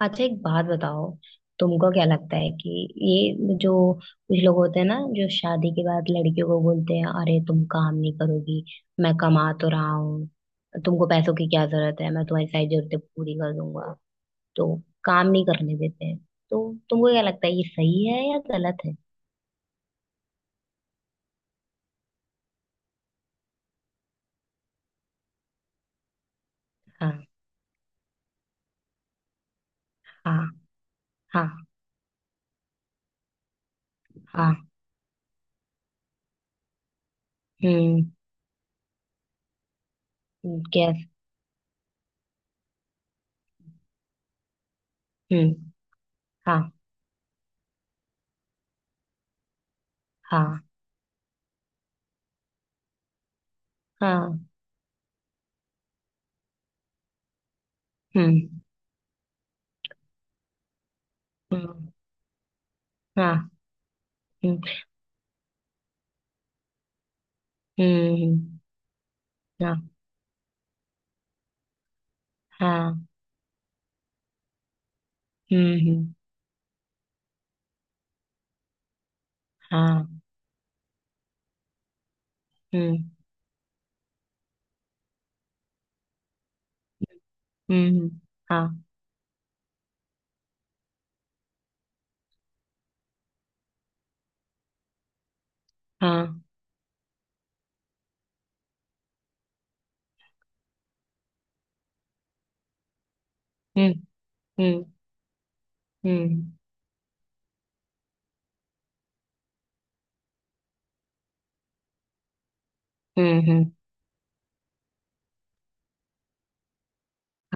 अच्छा, एक बात बताओ। तुमको क्या लगता है कि ये जो कुछ लोग होते हैं ना जो शादी के बाद लड़कियों को बोलते हैं, अरे तुम काम नहीं करोगी, मैं कमा तो रहा हूँ, तुमको पैसों की क्या जरूरत है, मैं तुम्हारी सारी जरूरतें पूरी कर दूंगा, तो काम नहीं करने देते हैं, तो तुमको क्या लगता है ये सही है या गलत है? हाँ। हाँ। हाँ। हाँ। हम्म। कैस। हम्म। हाँ। हाँ। हाँ। हम्म। हम्म। हाँ। हम्म। हम्म। हाँ। हाँ। हम्म। हम्म। हाँ। हम्म। हम्म। हाँ। हाँ। हम्म। हम्म। हम्म। हम्म।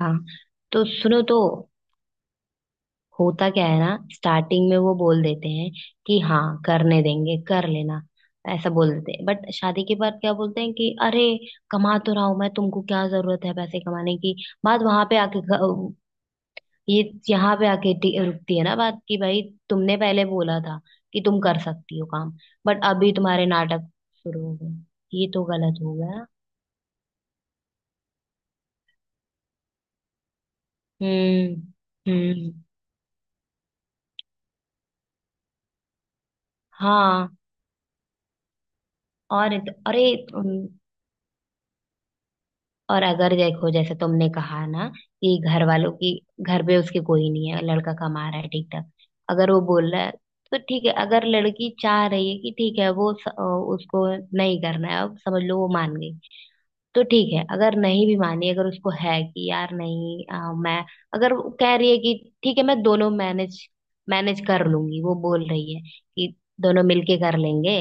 हाँ। तो सुनो तो, होता क्या है ना, स्टार्टिंग में वो बोल देते हैं कि हाँ करने देंगे, कर लेना, ऐसा बोल देते हैं। बट शादी के बाद क्या बोलते हैं कि अरे कमा तो रहा हूं मैं, तुमको क्या जरूरत है पैसे कमाने की। बात वहां पे आके, ये, यहाँ पे आके रुकती है ना बात कि भाई, तुमने पहले बोला था कि तुम कर सकती हो काम। बट अभी तुम्हारे नाटक शुरू हो गए, ये तो गलत हो गया ना। हम्म। हम्म। हाँ। और, अरे, उम, और अगर देखो जैसे तुमने कहा ना कि घर वालों की, घर पे उसके कोई नहीं है, लड़का कमा रहा है ठीक ठाक। अगर वो बोल रहा है तो ठीक है। अगर लड़की चाह रही है कि ठीक है, वो उसको नहीं करना है, अब समझ लो वो मान गई, तो ठीक है। अगर नहीं भी मानी, अगर उसको है कि यार नहीं, मैं, अगर वो कह रही है कि ठीक है, मैं दोनों मैनेज मैनेज कर लूंगी, वो बोल रही है कि दोनों मिलके कर लेंगे,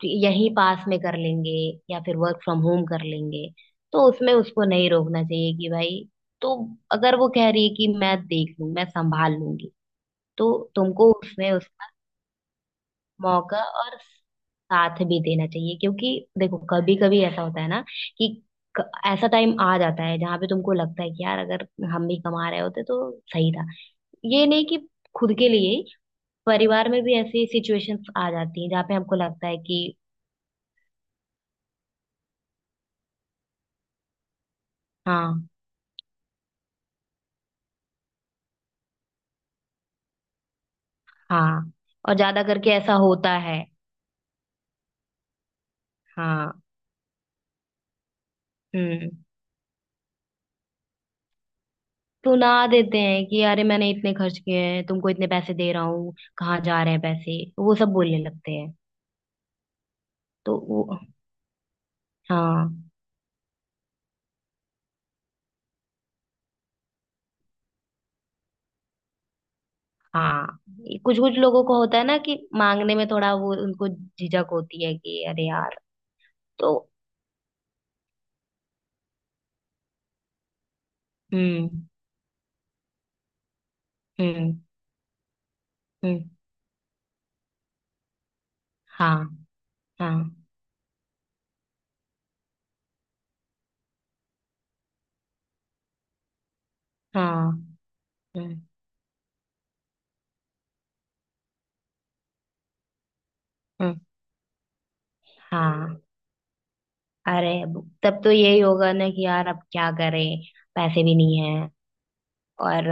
कि यहीं पास में कर लेंगे या फिर वर्क फ्रॉम होम कर लेंगे, तो उसमें उसको नहीं रोकना चाहिए कि भाई, तो अगर वो कह रही है कि मैं देख लूं, मैं संभाल लूंगी, तो तुमको उसमें उस मौका और साथ भी देना चाहिए। क्योंकि देखो कभी कभी ऐसा होता है ना कि ऐसा टाइम आ जाता है जहां पे तुमको लगता है कि यार अगर हम भी कमा रहे होते तो सही था। ये नहीं कि खुद के लिए ही, परिवार में भी ऐसी सिचुएशंस आ जाती हैं जहाँ पे हमको लगता है कि। हाँ। हाँ और ज्यादा करके ऐसा होता है। हाँ। हम्म। सुना देते हैं कि अरे मैंने इतने खर्च किए हैं, तुमको इतने पैसे दे रहा हूँ, कहाँ जा रहे हैं पैसे, वो सब बोलने लगते हैं। तो वो, हाँ। हाँ। कुछ कुछ लोगों को होता है ना कि मांगने में थोड़ा वो, उनको झिझक होती है कि अरे यार। तो हम्म। हम्म। हम्म। हाँ। हाँ। हाँ। हम्म। हम्म, हाँ। तब तो यही होगा ना कि यार अब क्या करें, पैसे भी नहीं है। और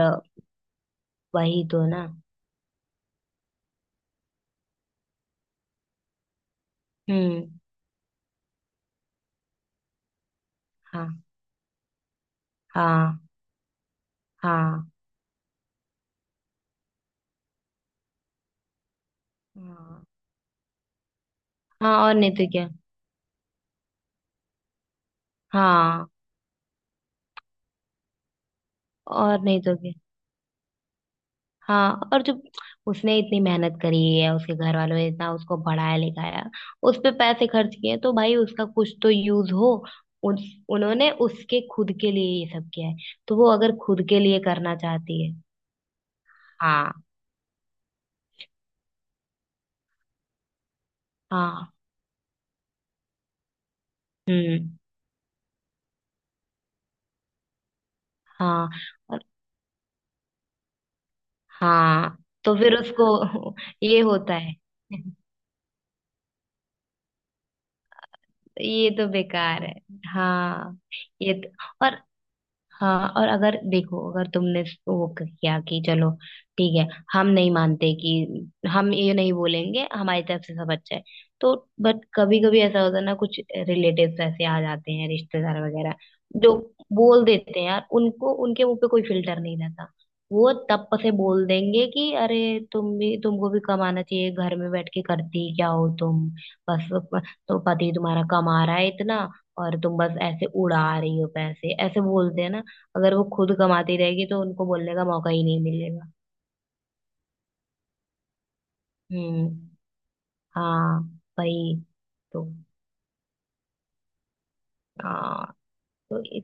वही तो ना। हम्म। हाँ। हाँ। हाँ। हाँ। हाँ और नहीं तो क्या। हाँ और नहीं तो क्या। हाँ और जो उसने इतनी मेहनत करी है, उसके घर वालों ने इतना उसको पढ़ाया लिखाया, उस पे पैसे खर्च किए, तो भाई उसका कुछ तो यूज हो। उन, उन्होंने उसके खुद के लिए ये सब किया है। तो वो अगर खुद के लिए करना चाहती है। हाँ। हाँ। हम्म। हाँ। और, हाँ। तो फिर उसको ये होता है। ये तो बेकार है। हाँ। ये तो, और, हाँ और अगर देखो, अगर तुमने वो किया कि चलो ठीक है, हम नहीं मानते कि हम ये नहीं बोलेंगे, हमारी तरफ से सब अच्छा है, तो बट कभी कभी ऐसा होता है ना, कुछ रिलेटिव्स ऐसे आ जाते हैं, रिश्तेदार वगैरह जो बोल देते हैं यार, उनको उनके मुंह पे कोई फिल्टर नहीं रहता। वो तब से बोल देंगे कि अरे तुम भी, तुमको भी कमाना चाहिए, घर में बैठ के करती क्या हो तुम, बस। तो पति तुम्हारा कमा रहा है इतना और तुम बस ऐसे उड़ा रही हो पैसे, ऐसे बोलते हैं ना। अगर वो खुद कमाती रहेगी तो उनको बोलने का मौका ही नहीं मिलेगा। हम्म। हाँ। वही तो। हाँ। तो इस,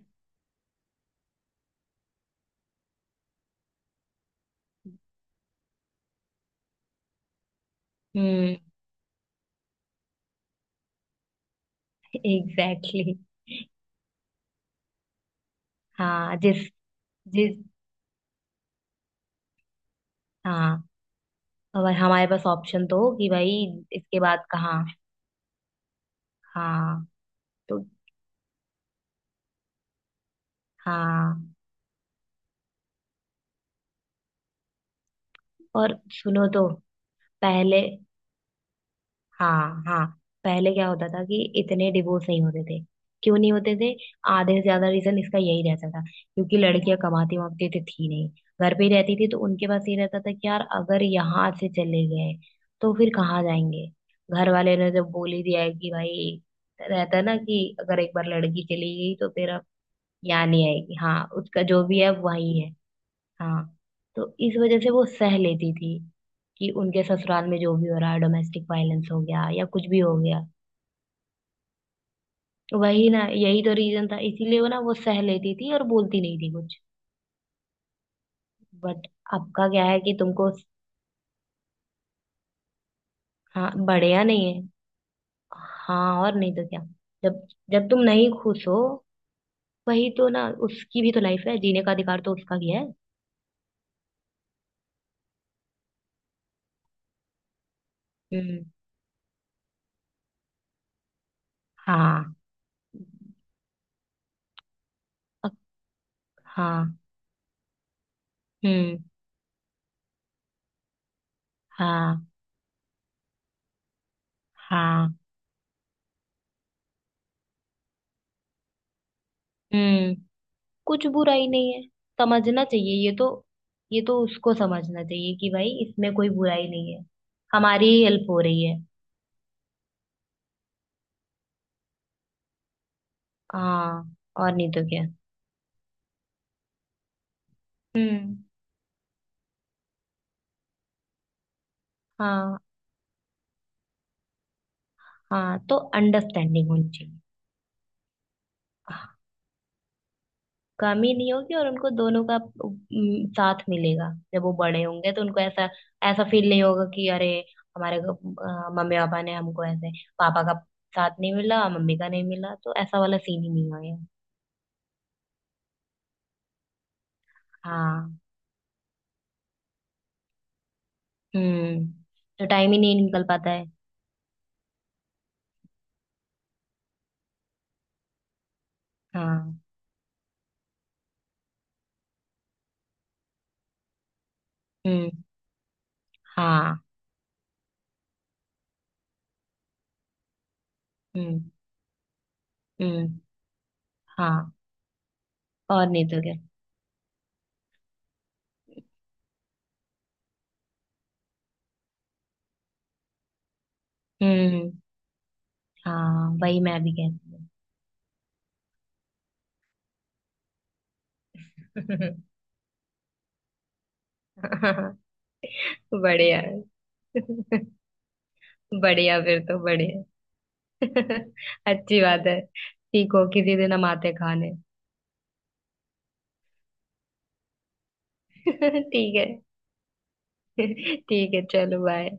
हम्म। Exactly exactly। हाँ जिस, जिस, हाँ और हमारे पास ऑप्शन तो हो कि भाई इसके बाद कहाँ। हाँ। तो, हाँ और सुनो तो, पहले, हाँ हाँ, पहले क्या होता था कि इतने डिवोर्स नहीं होते थे। क्यों नहीं होते थे? आधे से ज्यादा रीजन इसका यही रहता था क्योंकि लड़कियां कमाती वामाती तो थी नहीं, घर पे ही रहती थी, तो उनके पास ये रहता था कि यार अगर यहाँ से चले गए तो फिर कहाँ जाएंगे। घर वाले ने जब बोल ही दिया है कि भाई, रहता है ना कि अगर एक बार लड़की चली गई तो फिर अब यहाँ नहीं आएगी, हाँ उसका जो भी है वही है। हाँ, तो इस वजह से वो सह लेती थी कि उनके ससुराल में जो भी हो रहा है, डोमेस्टिक वायलेंस हो गया या कुछ भी हो गया। वही ना, यही तो रीजन था, इसीलिए वो ना, वो सह लेती थी और बोलती नहीं थी कुछ। बट आपका क्या है कि तुमको, हाँ बढ़िया नहीं है। हाँ और नहीं तो क्या। जब जब तुम नहीं खुश हो, वही तो ना, उसकी भी तो लाइफ है, जीने का अधिकार तो उसका भी है। हम्म। हाँ। अ- हाँ। हम्म। हाँ। हाँ। हम्म। कुछ बुराई नहीं है। समझना चाहिए ये तो। ये तो उसको समझना चाहिए कि भाई, इसमें कोई बुराई नहीं है। हमारी ही हेल्प हो रही है। हाँ और नहीं तो क्या। हम्म। हाँ। हाँ तो अंडरस्टैंडिंग होनी चाहिए। हाँ, कमी नहीं होगी और उनको दोनों का साथ मिलेगा। जब वो बड़े होंगे तो उनको ऐसा, ऐसा फील नहीं होगा कि अरे हमारे मम्मी पापा ने हमको ऐसे, पापा का साथ नहीं मिला, मम्मी का नहीं मिला, तो ऐसा वाला सीन ही नहीं होगा। हाँ। हम्म। तो टाइम ही नहीं निकल पाता है। हाँ। हम्म। हाँ। हम्म। हम्म। हाँ और नहीं तो क्या। हम्म। हाँ वही मैं भी कहती हूँ। बढ़िया। बढ़िया फिर तो, बढ़िया। अच्छी बात है। सीखो, किसी दिन हम आते खाने। ठीक है। ठीक है, चलो बाय।